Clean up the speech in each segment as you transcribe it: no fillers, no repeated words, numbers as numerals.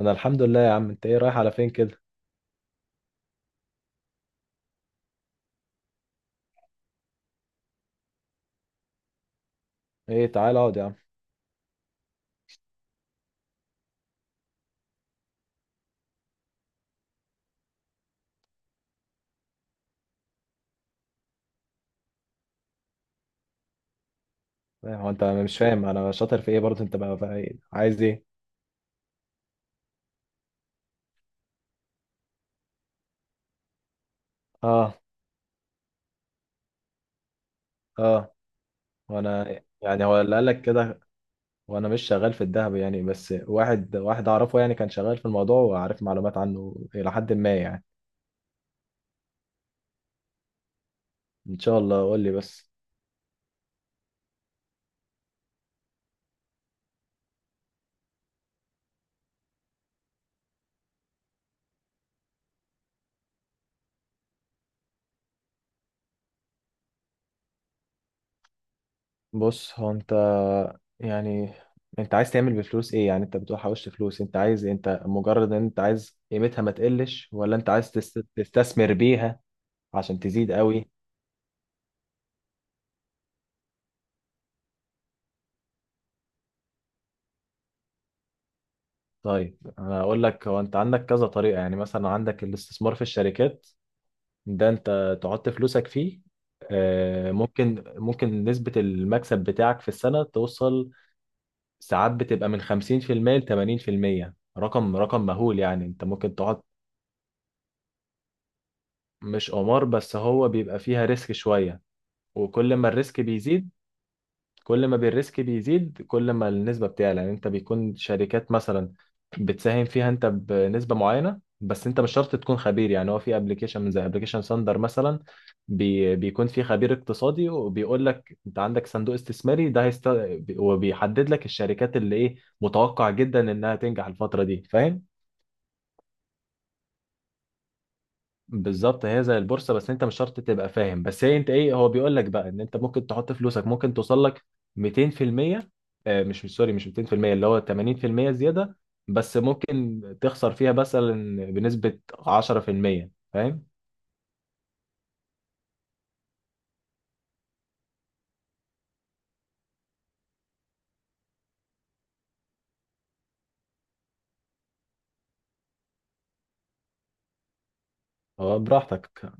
انا الحمد لله يا عم. انت ايه، رايح على فين كده؟ ايه، تعال اقعد يا عم. إيه، هو انت مش فاهم انا شاطر في ايه برضه؟ انت بقى إيه؟ عايز ايه؟ اه. اه. وانا يعني هو اللي قالك كده. وانا مش شغال في الذهب يعني، بس واحد واحد اعرفه يعني كان شغال في الموضوع وعارف معلومات عنه الى حد ما يعني. ان شاء الله، قول لي بس. بص هو انت، يعني انت عايز تعمل بفلوس ايه يعني؟ انت بتقول حوشت فلوس، انت عايز إيه؟ انت مجرد ان انت عايز قيمتها ما تقلش، ولا انت عايز تستثمر بيها عشان تزيد قوي؟ طيب، انا اقول لك. هو انت عندك كذا طريقه، يعني مثلا عندك الاستثمار في الشركات. ده انت تحط فلوسك فيه. ممكن نسبه المكسب بتاعك في السنه توصل ساعات بتبقى من 50% ل 80%. رقم رقم مهول، يعني انت ممكن تقعد. مش قمار، بس هو بيبقى فيها ريسك شويه. وكل ما الريسك بيزيد كل ما بالريسك بيزيد كل ما النسبة بتعلى. يعني انت بيكون شركات مثلا بتساهم فيها انت بنسبة معينة، بس انت مش شرط تكون خبير. يعني هو في ابلكيشن من زي ابلكيشن ساندر مثلا، بيكون فيه خبير اقتصادي وبيقول لك انت عندك صندوق استثماري ده هيست... وبيحدد لك الشركات اللي ايه متوقع جدا انها تنجح الفترة دي، فاهم؟ بالظبط، هي زي البورصه، بس انت مش شرط تبقى فاهم. بس هي انت ايه، هو بيقول لك بقى ان انت ممكن تحط فلوسك، ممكن توصل لك 200%. مش سوري، مش 200%، اللي هو 80% زياده. بس ممكن تخسر فيها مثلا بنسبه 10%، فاهم؟ هو براحتك.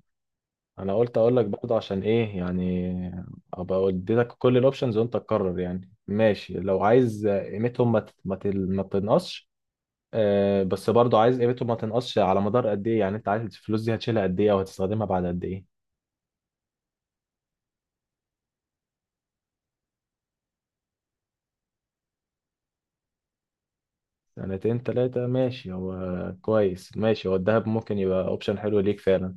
انا قلت اقول لك برضه، عشان ايه يعني؟ ابقى اديتك كل الاوبشنز وانت تقرر. يعني ماشي، لو عايز قيمتهم ما تنقصش. بس برضو عايز قيمته ما تنقصش على مدار قد ايه؟ يعني انت عارف الفلوس دي هتشيلها قد ايه، او هتستخدمها بعد قد ايه؟ سنتين تلاتة ماشي. هو كويس ماشي، هو الذهب ممكن يبقى اوبشن حلو ليك فعلا.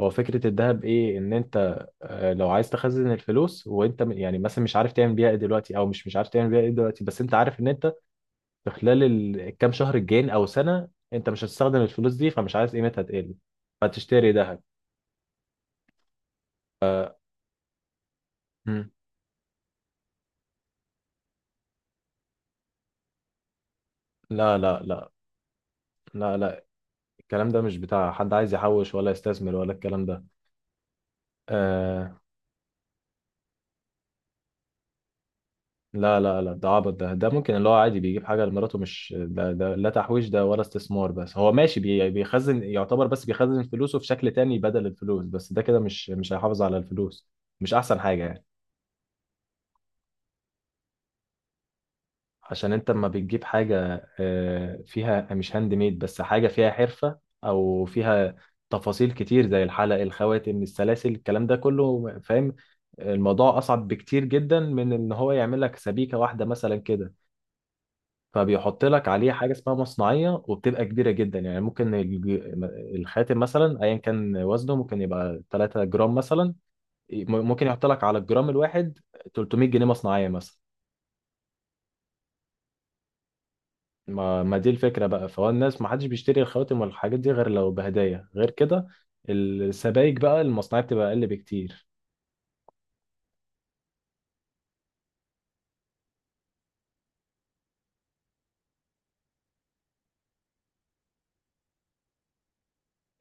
هو فكرة الذهب ايه؟ ان انت لو عايز تخزن الفلوس وانت يعني مثلا مش عارف تعمل بيها ايه دلوقتي، او مش عارف تعمل بيها ايه دلوقتي، بس انت عارف ان انت في خلال الكام شهر الجايين او سنة انت مش هتستخدم الفلوس دي، فمش عايز قيمتها تقل، فتشتري ذهب. مم. لا، لا، لا، لا، لا، الكلام ده مش بتاع حد عايز يحوش ولا يستثمر ولا الكلام ده. آه. لا، لا، لا، ده عبط. ده ممكن اللي هو عادي بيجيب حاجة لمراته. مش ده, ده لا تحويش ده ولا استثمار. بس هو ماشي، بيخزن يعتبر، بس بيخزن فلوسه في شكل تاني بدل الفلوس. بس ده كده مش هيحافظ على الفلوس. مش أحسن حاجة يعني. عشان انت لما بتجيب حاجة فيها مش هاند ميد، بس حاجة فيها حرفة او فيها تفاصيل كتير، زي الحلق الخواتم السلاسل الكلام ده كله، فاهم؟ الموضوع اصعب بكتير جدا من ان هو يعمل لك سبيكة واحدة مثلا كده. فبيحط لك عليه حاجة اسمها مصنعية، وبتبقى كبيرة جدا. يعني ممكن الخاتم مثلا ايا كان وزنه ممكن يبقى 3 جرام مثلا، ممكن يحط لك على الجرام الواحد 300 جنيه مصنعية مثلا. ما دي الفكرة بقى، فهو الناس ما حدش بيشتري الخواتم والحاجات دي غير لو بهدايا، غير كده السبائك بقى المصنعية بتبقى أقل بكتير.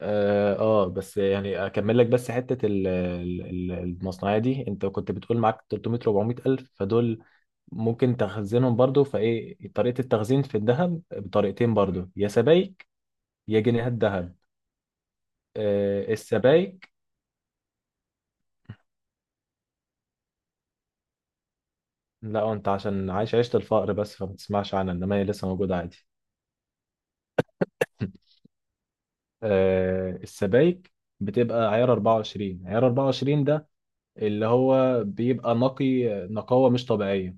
آه، بس يعني أكمل لك، بس حتة المصنعية دي. أنت كنت بتقول معاك 300 400 ألف، فدول ممكن تخزنهم برضو. فإيه طريقة التخزين في الذهب؟ بطريقتين برضو، يا سبائك يا جنيهات ذهب. السبائك. لا أنت عشان عايش عيشة الفقر بس فما تسمعش عنها، إنما هي لسه موجودة عادي. السبايك بتبقى عيار 24، عيار 24 ده اللي هو بيبقى نقي، نقاوة مش طبيعية.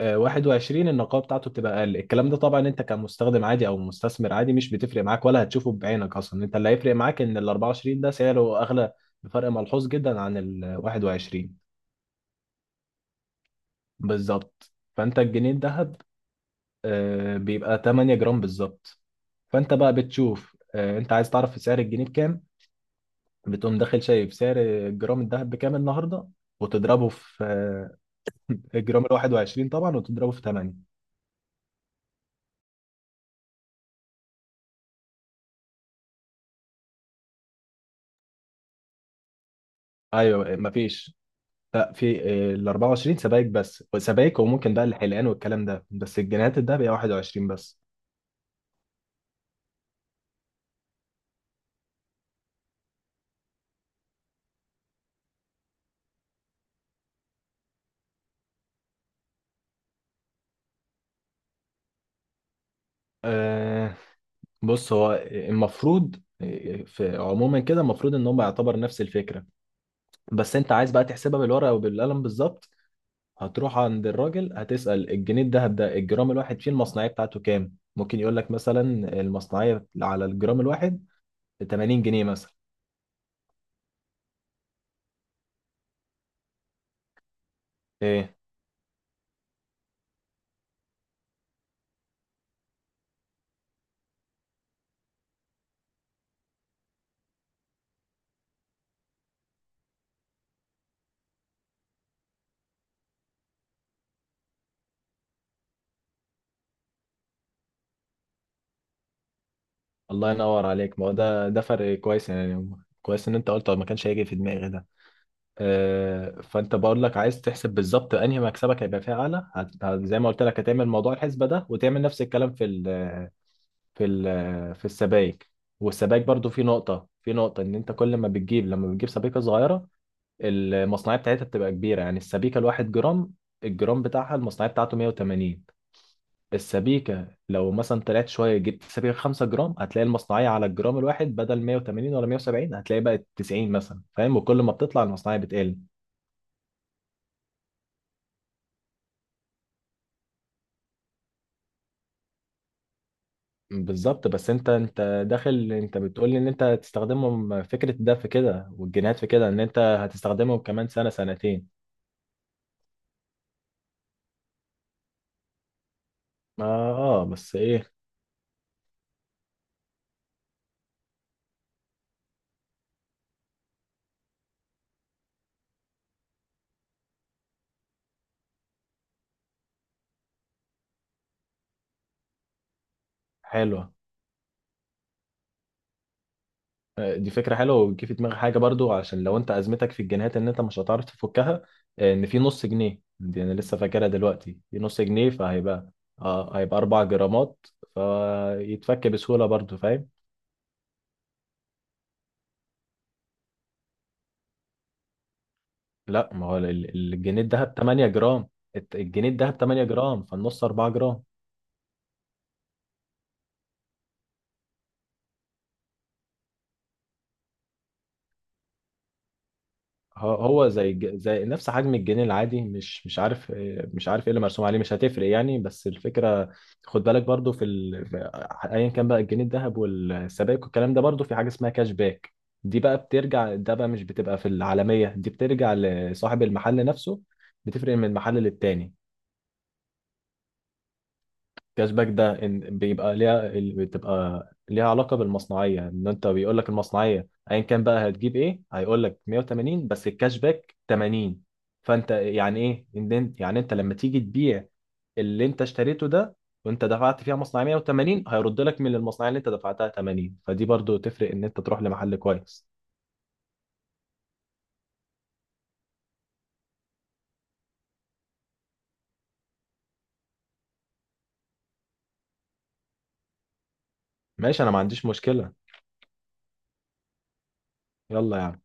21 النقاوة بتاعته بتبقى أقل. الكلام ده طبعا أنت كمستخدم عادي أو مستثمر عادي مش بتفرق معاك، ولا هتشوفه بعينك أصلا. أنت اللي هيفرق معاك إن ال 24 ده سعره أغلى بفرق ملحوظ جدا عن ال 21. بالظبط، فأنت الجنيه الذهب بيبقى 8 جرام بالظبط. فأنت بقى بتشوف، أنت عايز تعرف سعر الجنيه بكام، بتقوم داخل شايف سعر الجرام الذهب بكام النهارده، وتضربه في الجرام ال 21 طبعا، وتضربه في 8. ايوه. مفيش، لا في. ال 24 سبائك، بس سبائك وممكن بقى الحلقان والكلام ده. بس الجنيهات الذهب هي 21 بس. آه بص هو المفروض، في عموما كده، المفروض ان هم يعتبر نفس الفكره. بس انت عايز بقى تحسبها بالورقه وبالقلم بالظبط. هتروح عند الراجل هتسأل الجنيه الدهب ده الجرام الواحد فيه المصنعية بتاعته كام؟ ممكن يقول لك مثلا المصنعية على الجرام الواحد 80 جنيه مثلا. ايه، الله ينور عليك. ما هو ده فرق كويس يعني. كويس ان انت قلت، ما كانش هيجي في دماغي ده. فانت بقول لك عايز تحسب بالظبط انهي مكسبك هيبقى فيه اعلى. زي ما قلت لك، هتعمل موضوع الحسبة ده وتعمل نفس الكلام في ال في ال في السبائك. والسبائك برضو في نقطة، ان انت كل ما بتجيب لما بتجيب سبيكة صغيرة المصنعية بتاعتها بتبقى كبيرة. يعني السبيكة الواحد جرام، الجرام بتاعها المصنعية بتاعته 180. السبيكة لو مثلا طلعت شوية جبت سبيكة 5 جرام هتلاقي المصنعية على الجرام الواحد بدل 180 ولا 170 هتلاقي بقت 90 مثلا، فاهم؟ وكل ما بتطلع المصنعية بتقل. بالظبط، بس انت داخل انت بتقول لي ان انت هتستخدمهم فكرة ده في كده والجنيهات في كده ان انت هتستخدمهم كمان سنة سنتين. اه, آه بس ايه. حلوة. دي فكرة حلوة، وتجي في دماغي حاجة برضو. عشان لو انت أزمتك في الجنيهات ان انت مش هتعرف تفكها، ان في نص جنيه. دي انا لسه فاكرها دلوقتي، في نص جنيه فهيبقى، هيبقى 4 جرامات، فيتفك بسهولة برضو، فاهم؟ لا، ما هو الجنيه الدهب 8 جرام. الجنيه الدهب 8 جرام، فالنص 4 جرام. هو زي زي نفس حجم الجنيه العادي. مش عارف، مش عارف ايه اللي مرسوم عليه، مش هتفرق يعني، بس الفكره. خد بالك برضو ايا كان بقى الجنيه الذهب والسبائك والكلام ده، برضو في حاجه اسمها كاش باك. دي بقى بترجع، ده بقى مش بتبقى في العالميه، دي بترجع لصاحب المحل نفسه، بتفرق من محل للتاني. كاش باك ده إن بيبقى ليها بتبقى ليها علاقه بالمصنعيه، ان انت بيقول لك المصنعيه ايا كان بقى هتجيب ايه، هيقول لك 180 بس الكاش باك 80. فانت يعني ايه، إن يعني انت لما تيجي تبيع اللي انت اشتريته ده، وانت دفعت فيها مصنعيه 180، هيرد لك من المصنعيه اللي انت دفعتها 80. فدي برضو تفرق ان انت تروح لمحل كويس. ماشي، انا ما عنديش مشكله. يلا يا